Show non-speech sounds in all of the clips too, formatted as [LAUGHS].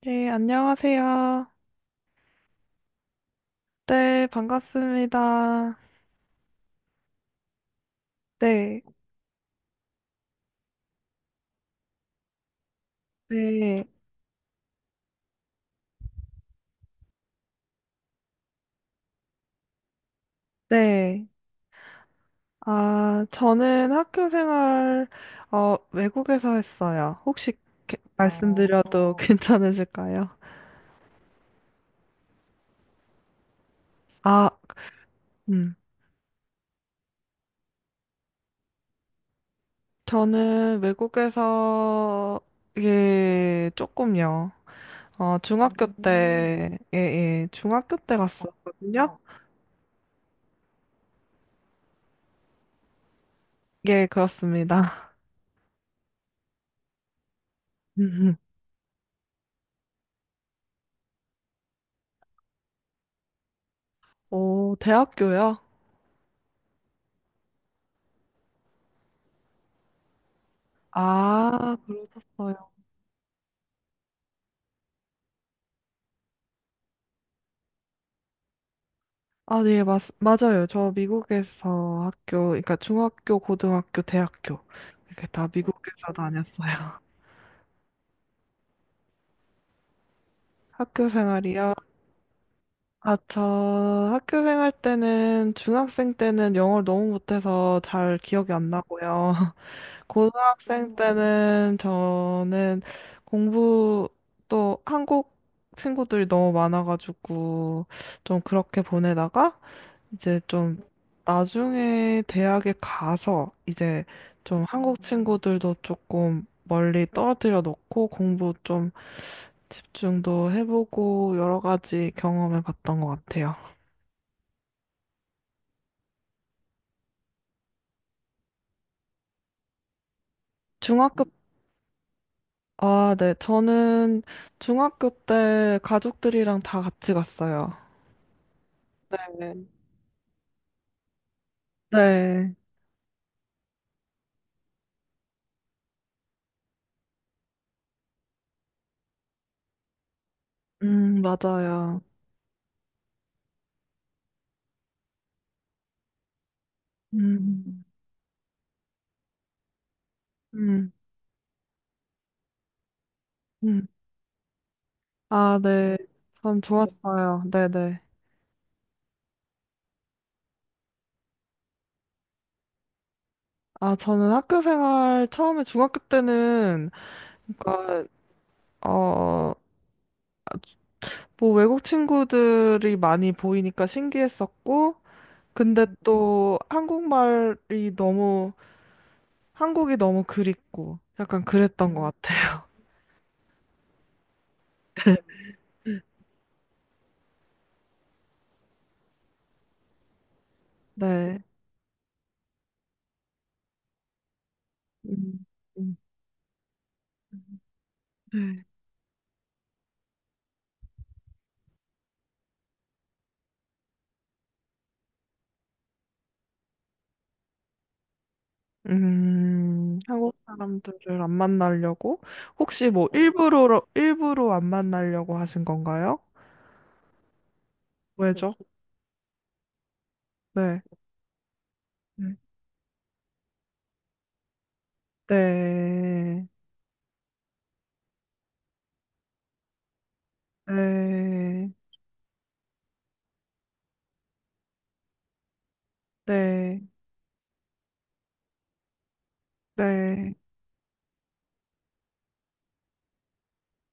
네, 안녕하세요. 네, 반갑습니다. 네, 네, 네. 아, 저는 학교 생활, 외국에서 했어요. 혹시 말씀드려도 [LAUGHS] 괜찮으실까요? 아, 음. 저는 외국에서, 예, 조금요. 중학교 때, 예, 예, 중학교 때 갔었거든요. 예, 그렇습니다. [LAUGHS] 오, 대학교요? 아, 그러셨어요. 아, 네, 맞아요. 저 미국에서 학교, 그러니까 중학교, 고등학교, 대학교 이렇게 다 미국에서 다녔어요. [LAUGHS] 학교 생활이요? 아, 저 학교 생활 때는 중학생 때는 영어를 너무 못해서 잘 기억이 안 나고요. [LAUGHS] 고등학생 때는 저는 공부 또 한국 친구들이 너무 많아가지고 좀 그렇게 보내다가 이제 좀 나중에 대학에 가서 이제 좀 한국 친구들도 조금 멀리 떨어뜨려 놓고 공부 좀 집중도 해보고 여러 가지 경험해 봤던 것 같아요. 중학교, 아, 네. 저는 중학교 때 가족들이랑 다 같이 갔어요. 네. 네. 맞아요. 음, 음, 음. 아, 네. 전 좋았어요. 네네. 아, 저는 학교 생활 처음에 중학교 때는 그러니까 어, 뭐 외국 친구들이 많이 보이니까 신기했었고, 근데 또 한국말이 너무 한국이 너무 그립고 약간 그랬던 것 같아요. [LAUGHS] 네. 음, 음. 네. 한국 사람들을 안 만나려고 혹시 뭐 네, 일부러 안 만나려고 하신 건가요? 왜죠? 죠 네. 네. 네. 네, 네.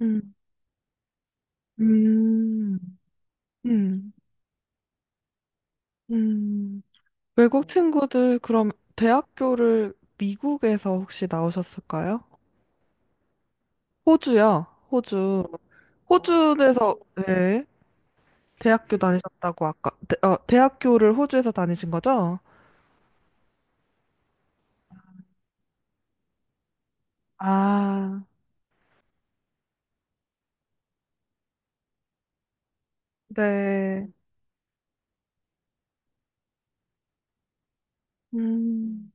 음, 음, 음, 음. 외국 친구들, 그럼 대학교를 미국에서 혹시 나오셨을까요? 호주요, 호주. 호주에서, 네, 대학교 다니셨다고 아까, 대학교를 호주에서 다니신 거죠? 아, 네. 음.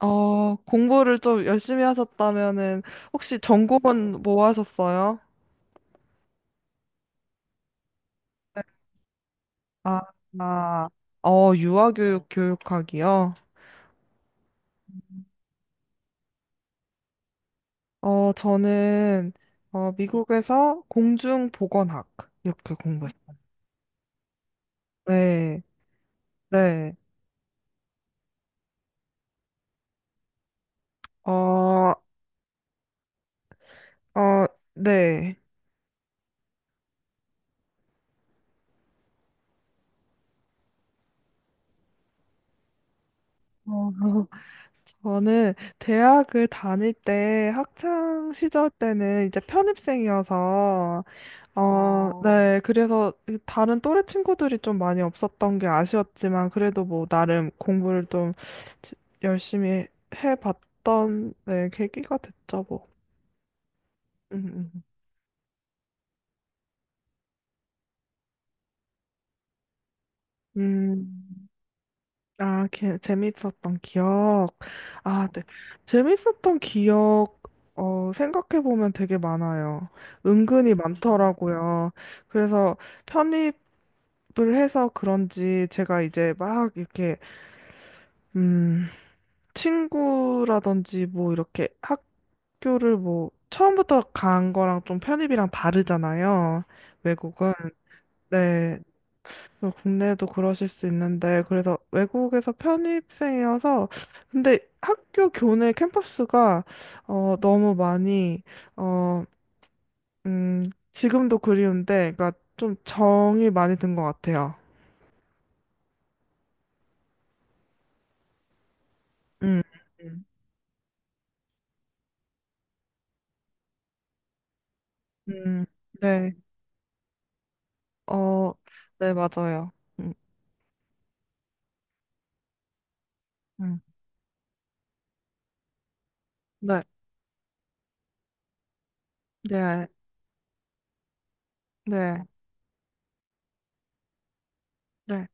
공부를 좀 열심히 하셨다면은, 혹시 전공은 뭐 하셨어요? 아, 아, 유아교육 교육학이요? 저는, 미국에서 공중보건학, 이렇게 공부했어요. 네, 네. 어, 어, 네. 저는 대학을 다닐 때, 학창 시절 때는 이제 편입생이어서, 어, 어, 네. 그래서 이 다른 또래 친구들이 좀 많이 없었던 게 아쉬웠지만, 그래도 뭐, 나름 공부를 좀 지- 열심히 해봤던, 네, 계기가 됐죠, 뭐. 음, 음. 음, 음. 아, 재밌었던 기억. 아, 네. 재밌었던 기억, 생각해보면 되게 많아요. 은근히 많더라고요. 그래서 편입 을 해서 그런지 제가 이제 막 이렇게 음, 친구라든지 뭐 이렇게 학교를 뭐 처음부터 간 거랑 좀 편입이랑 다르잖아요. 외국은. 네. 그래서 국내도 그러실 수 있는데, 그래서 외국에서 편입생이어서, 근데 학교 교내 캠퍼스가 너무 많이 어 음 지금도 그리운데, 그러니까 좀 정이 많이 든 것 같아요. 음. 음. 음. 네. 어. 네, 맞아요. 음. 음. 네. 네. 네, 네,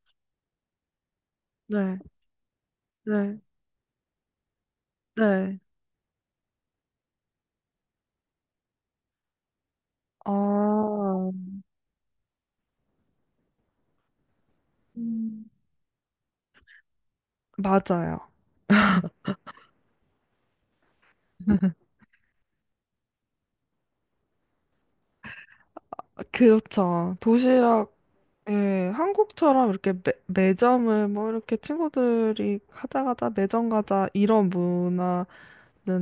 네, 네, 네. 아, 음, 맞아요. 그렇죠. 도시락, 예, 한국처럼 이렇게 매점을 뭐 이렇게 친구들이 가자 가자 매점 가자 이런 문화는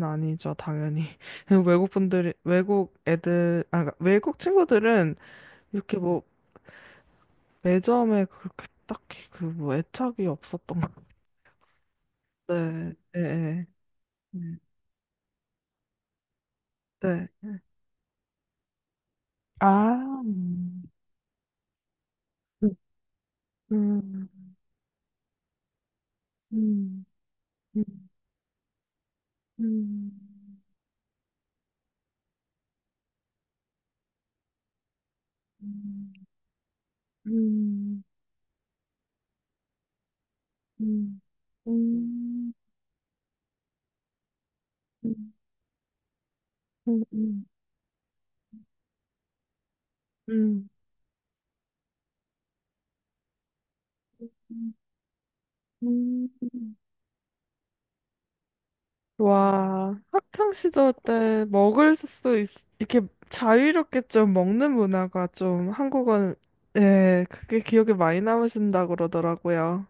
아니죠, 당연히. [LAUGHS] 외국 분들이, 외국 애들, 아, 그러니까 외국 친구들은 이렇게 뭐 매점에 그렇게 딱히 그 뭐 애착이 없었던 것 같아요. 네, 예, 예. 네. 네. 아, 음. 음. 음, 음, 음, 음, 음, 음, 음, 음, 음, 음, 음, 음. 와, 학창 시절 때 이렇게 자유롭게 좀 먹는 문화가 좀 한국은, 예, 그게 기억에 많이 남으신다 그러더라고요.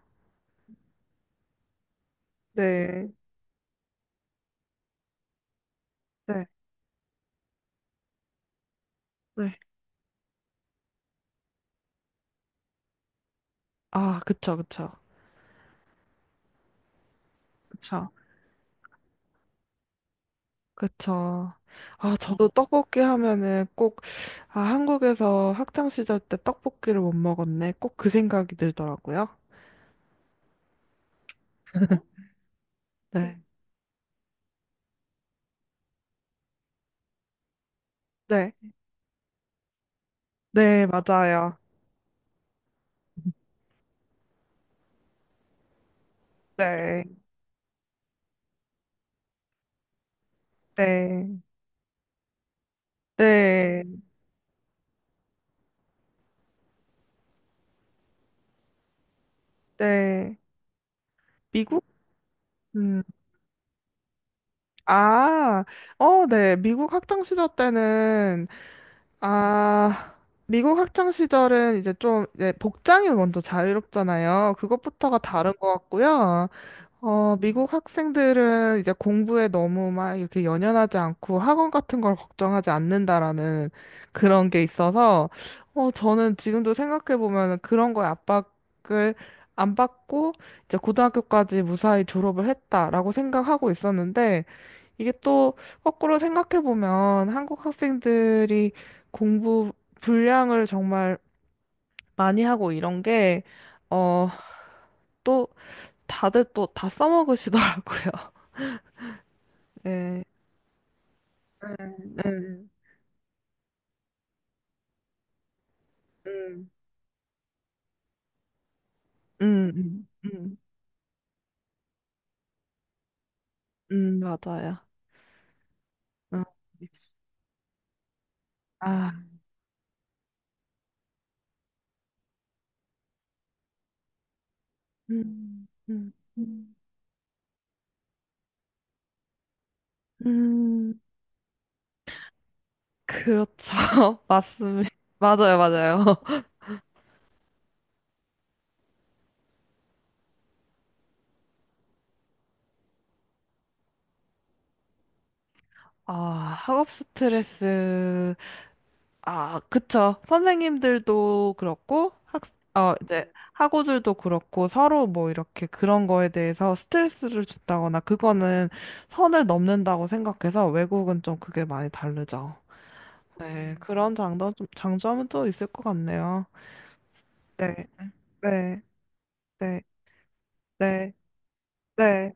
네, 네, 네. 아, 그쵸, 그쵸, 그쵸. 그쵸. 아, 저도 떡볶이 하면은 꼭, 아, 한국에서 학창 시절 때 떡볶이를 못 먹었네. 꼭 그 생각이 들더라고요. 네. 네. 네, 맞아요. 네. 네. 네. 네. 미국? 음. 아, 어, 네. 미국 학창 시절 때는, 아, 미국 학창 시절은 이제 좀, 이제 복장이 먼저 자유롭잖아요. 그것부터가 다른 것 같고요. 미국 학생들은 이제 공부에 너무 막 이렇게 연연하지 않고 학원 같은 걸 걱정하지 않는다라는 그런 게 있어서, 저는 지금도 생각해보면 그런 거에 압박을 안 받고 이제 고등학교까지 무사히 졸업을 했다라고 생각하고 있었는데, 이게 또 거꾸로 생각해보면 한국 학생들이 공부 분량을 정말 많이 하고 이런 게, 어, 또 다들 또 다 써먹으시더라고요. [LAUGHS] 네. 음, 음, 음, 음, 음, 맞아요. 음. 아, 음, 음, 음, 음, 그렇죠. [LAUGHS] 맞습니다. 맞아요, 맞아요. [LAUGHS] 아, 학업 스트레스. 아, 그쵸. 선생님들도 그렇고, 이제, 학우들도 그렇고, 서로 뭐 이렇게 그런 거에 대해서 스트레스를 준다거나, 그거는 선을 넘는다고 생각해서, 외국은 좀 그게 많이 다르죠. 네, 그런 장점은 또 있을 것 같네요. 네, 네, 네, 네, 네,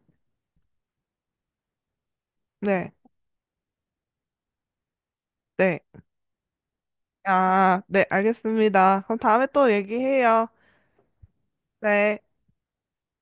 네, 네. 아, 네, 알겠습니다. 그럼 다음에 또 얘기해요. 네.